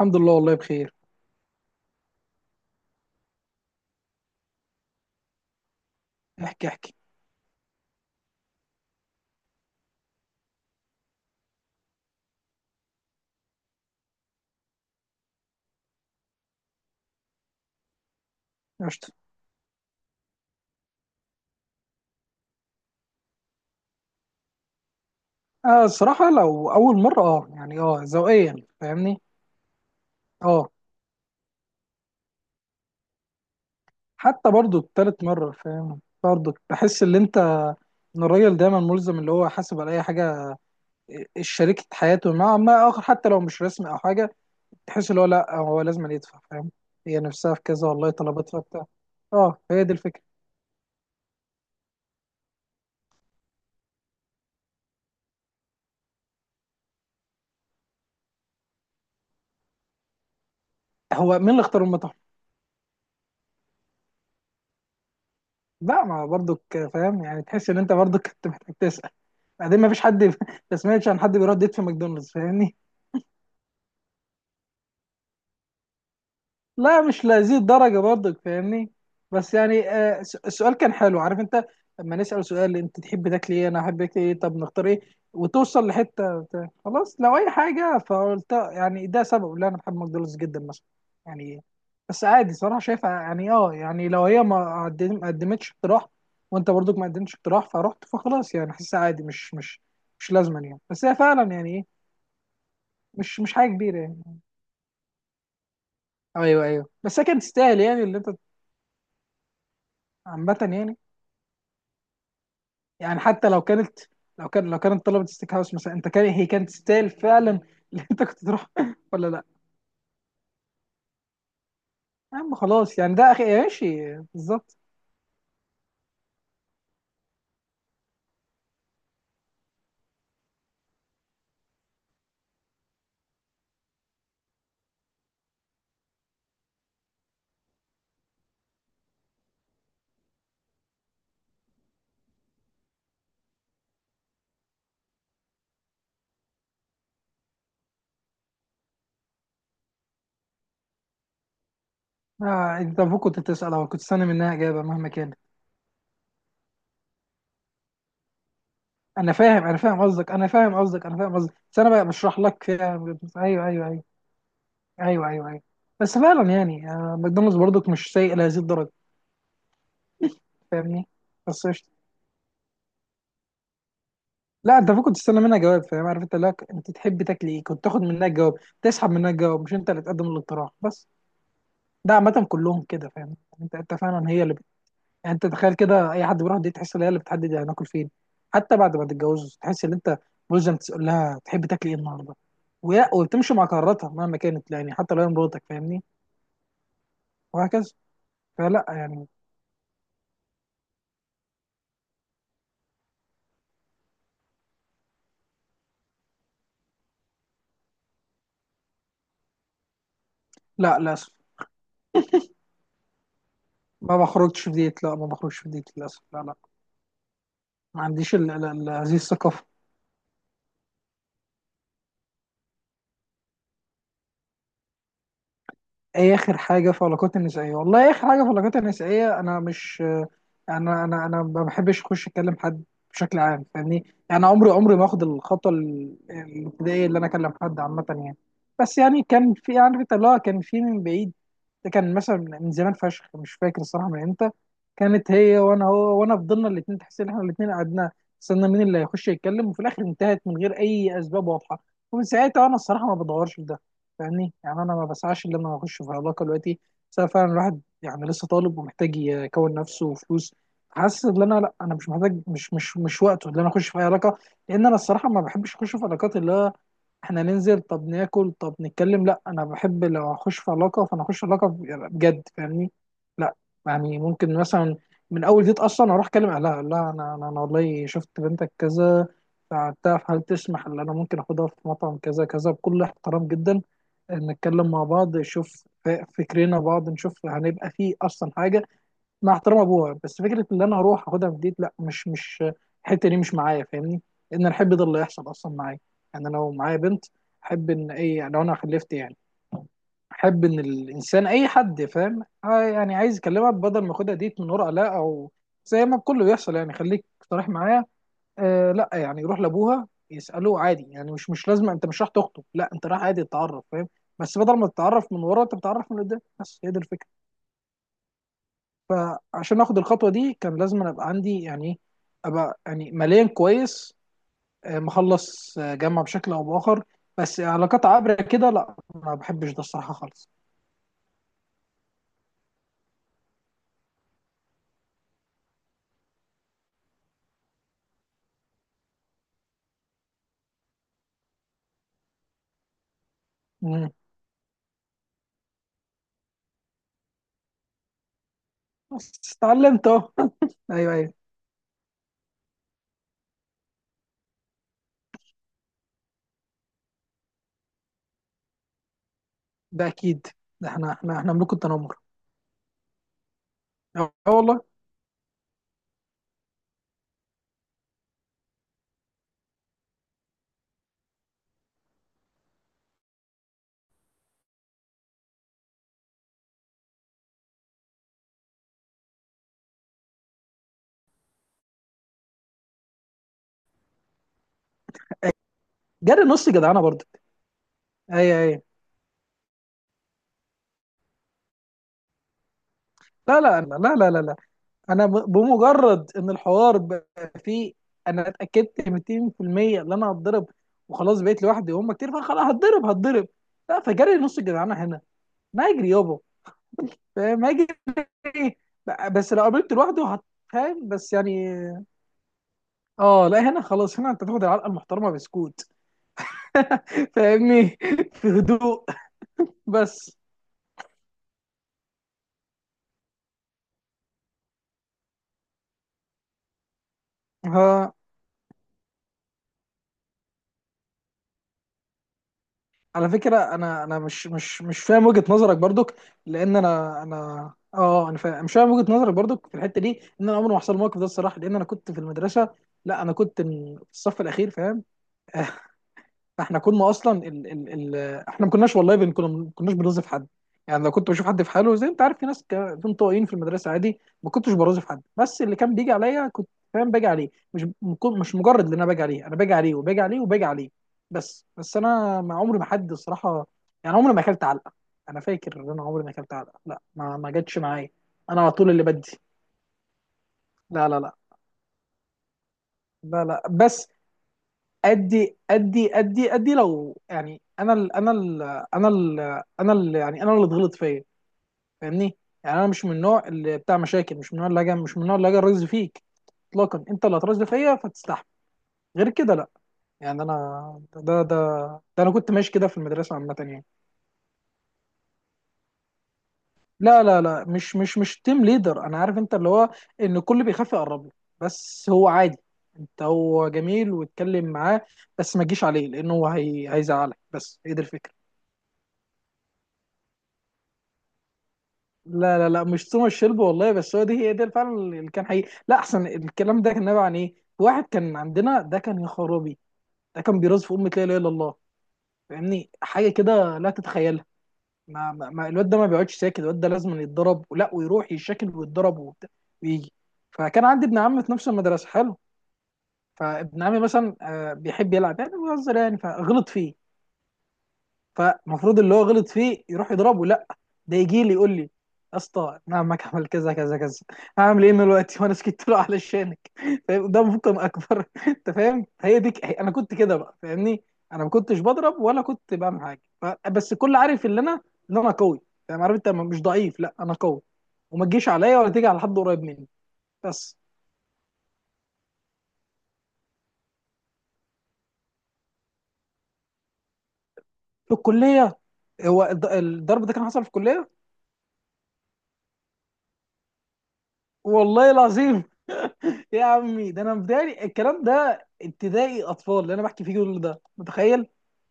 الحمد لله، والله بخير. احكي احكي. قشطة. الصراحة لو أول مرة، يعني ذوقيا. فاهمني اه حتى برضو تالت مرة، فاهم؟ برضو بحس ان انت، ان الراجل دايما ملزم اللي هو حاسب على اي حاجة، شريكة حياته مع ما اخر، حتى لو مش رسمي او حاجة. تحس اللي هو لا، هو لازم يدفع، فاهم؟ هي نفسها في كذا، والله طلبتها بتاع. اه هي دي الفكرة. هو مين اللي اختار المطعم؟ لا، ما برضك. فاهم يعني؟ تحس ان انت برضك كنت محتاج تسأل. بعدين ما فيش حد ما سمعتش عن حد بيرد يدفع في ماكدونالدز، فاهمني. لا، مش لهذه الدرجة برضك، فاهمني. بس يعني السؤال كان حلو، عارف انت؟ لما نسأل سؤال، انت تحب تاكل ايه، انا احب اكل ايه، طب نختار ايه. وتوصل لحتة خلاص، لو اي حاجة، فقلت يعني ده سبب اللي انا بحب ماكدونالدز جدا مثلا. يعني بس عادي صراحة، شايفها يعني، يعني لو هي ما قدمتش اقتراح، وانت برضك ما قدمتش اقتراح، فرحت، فخلاص يعني حاسسها عادي، مش لازما يعني. بس هي فعلا يعني ايه، مش حاجة كبيرة يعني. ايوه ايوه، بس هي كانت تستاهل يعني اللي انت، عامة يعني. يعني حتى لو كانت، لو كانت طلبت ستيك هاوس مثلا، انت كان هي كانت تستاهل فعلا، اللي انت كنت تروح ولا لا. يا عم خلاص يعني، ده اخي ماشي بالظبط. انت المفروض كنت تسال، او كنت تستنى منها اجابه مهما كان. انا فاهم، انا فاهم قصدك، انا فاهم قصدك، انا فاهم قصدك، بس انا بقى بشرح لك فيها. ايوه ايوه ايوه، ايوه ايوه، أيوة. بس فعلا يعني، ماكدونالدز برضك مش سيء لهذه الدرجه، فاهمني. بس قشطة. لا انت المفروض تستنى منها جواب، فاهم؟ عارف انت؟ لا، انت تحب تاكل ايه، كنت تاخد منها الجواب، تسحب منها الجواب، مش انت اللي تقدم الاقتراح بس. ده عامة كلهم كده، فاهم؟ يعني انت فعلا هي اللي بت... يعني انت تخيل كده، اي حد بيروح دي تحس ان هي اللي بتحدد هناكل فين. حتى بعد ما تتجوزوا تحس ان انت ملزم تقول لها تحب تاكل ايه النهارده، وبتمشي مع قراراتها مهما كانت، يعني حتى لو هي مراتك، فاهمني. وهكذا. فلا يعني. لا للاسف. ما بخرجش في ديت، لا ما بخرجش في ديت للاسف، لا لا. ما عنديش هذه الثقافة. ايه اخر حاجه في العلاقات النسائيه؟ والله اخر حاجه في العلاقات النسائيه انا مش، انا ما بحبش اخش اكلم حد بشكل عام، فاهمني. يعني عمري ما اخد الخطوه الابتدائيه، اللي انا اكلم حد عامه يعني. بس يعني كان في، يعني عارف انت اللي هو، كان في من بعيد. ده كان مثلا من زمان فشخ، مش فاكر الصراحه من امتى. كانت هي وانا، هو وانا، فضلنا الاثنين تحس ان احنا الاثنين قعدنا استنى مين اللي هيخش يتكلم، وفي الاخر انتهت من غير اي اسباب واضحه. ومن ساعتها انا الصراحه ما بدورش في ده، فاهمني. يعني انا ما بسعاش ان انا اخش في علاقه دلوقتي. بس أنا فعلا الواحد يعني لسه طالب ومحتاج يكون نفسه وفلوس، حاسس ان انا لا، انا مش محتاج، مش وقته ان انا اخش في اي علاقه. لان انا الصراحه ما بحبش اخش في علاقات اللي هو احنا ننزل طب ناكل طب نتكلم، لا انا بحب لو اخش في علاقه، فانا اخش في علاقه بجد، فاهمني. لا يعني ممكن مثلا من اول ديت اصلا اروح اكلم اهلها، اقول لها انا انا أنا والله شفت بنتك كذا فبتاع، هل تسمح ان انا ممكن اخدها في مطعم كذا كذا بكل احترام جدا، نتكلم مع بعض، نشوف فكرنا بعض، نشوف هنبقى فيه اصلا حاجه، مع احترام ابوها. بس فكره ان انا هروح اخدها في ديت لا، مش مش الحته دي مش معايا، فاهمني. ان الحب ده اللي يحصل اصلا معايا، يعني أنا لو معايا بنت، احب ان لو انا خلفت يعني، احب ان الانسان اي حد فاهم يعني عايز يكلمها، بدل ما اخدها ديت من ورا لا، او زي ما كله بيحصل يعني، خليك صريح معايا. لا يعني يروح لابوها يساله عادي يعني مش لازم، انت مش راح تخطب، لا انت رايح عادي تتعرف، فاهم. بس بدل ما تتعرف من ورا، انت بتتعرف من قدام، بس هي دي الفكره. فعشان اخد الخطوه دي كان لازم أنا ابقى عندي يعني ابقى يعني ماليا كويس، مخلص جامعه بشكل او باخر. بس علاقات عابره كده لا، ما بحبش ده الصراحه خالص. مم. بس اتعلمت اهو ايوه ايوه، ده اكيد. ده احنا ملوك التنمر. اه والله. جري نص جدعانه برضه. ايوه ايوه، لا لا لا لا لا لا. انا بمجرد ان الحوار بقى فيه، انا اتاكدت 200% ان انا هتضرب، وخلاص بقيت لوحدي وهم كتير، فخلاص هتضرب هتضرب. لا فجري نص الجدعانه هنا. ما اجري يابا، فاهم. ما اجري. إيه؟ بس لو قابلت لوحده فاهم بس يعني. اه لا، هنا خلاص، هنا انت تاخد العلقه المحترمه بسكوت فاهمني، في هدوء. بس ها. على فكرة انا انا مش فاهم وجهة نظرك برضك. لان انا فاهم، مش فاهم وجهة نظرك برضك في الحتة دي. ان انا عمري ما حصل الموقف ده الصراحة، لان انا كنت في المدرسة، لا انا كنت في الصف الاخير، فاهم. فاحنا كنا اصلا ال ال ال احنا ما كناش، والله كنا، ما كناش بنرازف حد. يعني لو كنت بشوف حد في حاله زي انت عارف، في ناس في انطوائيين في المدرسه عادي ما كنتش برازف حد. بس اللي كان بيجي عليا كنت فاهم باجي عليه، مش مجرد ان انا باجي عليه، انا باجي عليه وباجي عليه وباجي عليه. بس انا ما عمري ما حد الصراحه، يعني عمري ما اكلت علقه. انا فاكر ان انا عمري ما اكلت علقه، لا ما جاتش معايا. انا على طول اللي بدي. لا لا لا لا لا، بس ادي ادي ادي ادي، لو يعني انا ال، انا ال، انا ال يعني انا اللي اتغلط فيا، فاهمني. يعني انا مش من النوع اللي بتاع مشاكل، مش من النوع اللي هاجي، مش من النوع اللي هاجي الرز فيك اطلاقا، انت اللي هترز فيا فتستحمل، غير كده لا. يعني انا ده انا كنت ماشي كده في المدرسه عامه يعني. لا لا لا، مش تيم ليدر، انا عارف انت اللي هو ان الكل بيخاف يقرب له، بس هو عادي، انت هو جميل واتكلم معاه، بس ما تجيش عليه لانه هو هيزعلك، بس هي دي الفكره. لا لا لا، مش توماس شيلبي والله، بس هو دي هي ده فعلا اللي كان حقيقي. لا احسن، الكلام ده كان نابع عن ايه؟ واحد كان عندنا ده كان يا خرابي، ده كان بيرز في امة لا اله الا الله، فاهمني حاجه كده لا تتخيلها. الواد ده ما بيقعدش ساكت، الواد ده لازم يتضرب، ولا ويروح يشكل ويتضرب وبتاع ويجي. فكان عندي ابن عم في نفس المدرسه حلو، فابن عمي مثلا بيحب يلعب يعني، بيهزر يعني فغلط فيه، فالمفروض اللي هو غلط فيه يروح يضربه، لا ده يجي لي يقول لي، يا اسطى انا عمك عمل كذا كذا كذا، هعمل ايه دلوقتي؟ وانا سكت له علشانك. فاهم؟ ده ممكن اكبر. انت فاهم؟ هي دي انا كنت كده بقى، فاهمني. انا ما كنتش بضرب ولا كنت بعمل حاجه بس الكل عارف ان انا، ان انا قوي، فاهم. عارف انت مش ضعيف، لا انا قوي، وما تجيش عليا ولا تيجي على حد قريب مني، بس. في الكليه، هو الضرب ده كان حصل في الكليه. والله العظيم. يا عمي، ده انا بداية الكلام ده ابتدائي اطفال اللي انا بحكي فيه، كل ده متخيل.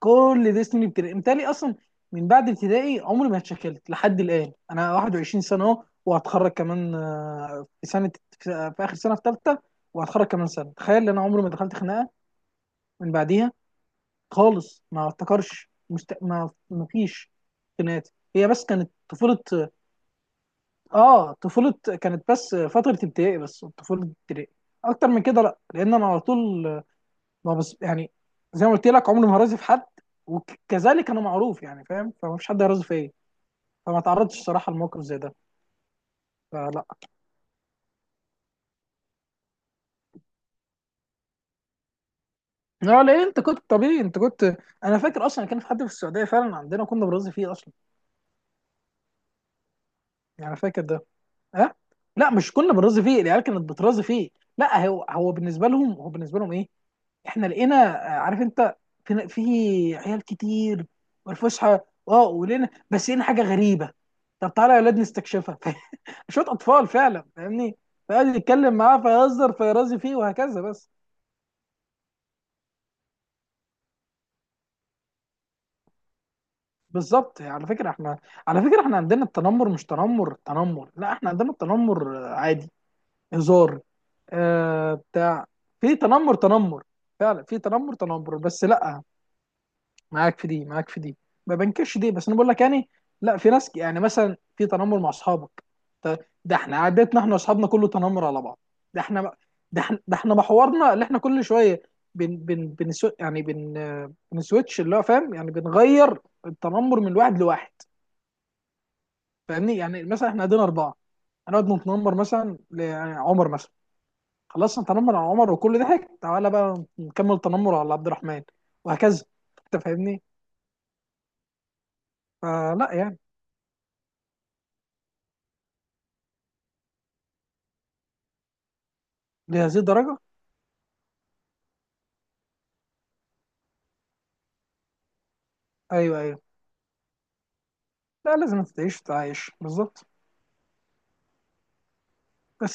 كل ده سنين ابتدائي امتالي اصلا. من بعد ابتدائي عمري ما اتشكلت لحد الان، انا 21 سنه اهو، وهتخرج كمان في سنه، في اخر سنه، في ثالثه، وهتخرج كمان سنه. تخيل ان انا عمري ما دخلت خناقه من بعديها خالص. ما افتكرش مست... ما ما فيش خناقات. هي بس كانت طفوله، اه طفوله، كانت بس فتره ابتدائي، بس طفوله ابتدائي. اكتر من كده لا، لان انا على طول، ما بس يعني، زي ما قلت لك، عمري ما هرازي في حد، وكذلك انا معروف يعني، فاهم. فمفيش حد هيرازي فيا، فما تعرضتش الصراحه لموقف زي ده. فلا، لا ليه، انت كنت طبيعي انت كنت. انا فاكر اصلا كان في حد في السعوديه فعلا عندنا، كنا بنرازي فيه اصلا، يعني فاكر ده. ها. لا، مش كنا بنرازي فيه، العيال كانت بترازي فيه. لا هو، هو بالنسبه لهم ايه، احنا لقينا عارف انت، في عيال كتير والفسحه، ولقينا، بس لقينا حاجه غريبه، طب تعالى يا اولاد نستكشفها. شوط اطفال فعلا فاهمني. فقعد يتكلم معاه فيهزر فيرازي فيه وهكذا بس. بالظبط يعني، على فكره احنا، على فكره احنا عندنا التنمر مش تنمر تنمر، لا احنا عندنا التنمر عادي، هزار. آه بتاع، في تنمر تنمر. فعلا في تنمر تنمر، بس لا، معاك في دي، معاك في دي، ما بنكرش دي، بس انا بقول لك يعني، لا في ناس يعني مثلا في تنمر مع اصحابك. ط- ده احنا عادتنا، احنا واصحابنا كله تنمر على بعض. ده احنا، ده احنا محورنا اللي احنا كل شويه بن بن بن يعني بنسويتش اللي هو فاهم، يعني بنغير التنمر من واحد لواحد، فاهمني. يعني مثلا احنا قاعدين 4، هنقعد نتنمر مثلا يعني عمر مثلا، خلصنا نتنمر على عمر، وكل ضحك، تعالى بقى نكمل تنمر على عبد الرحمن، وهكذا انت فاهمني. فلا يعني، لهذه الدرجه. ايوه ايوه، لا لازم تعيش تعيش بالظبط.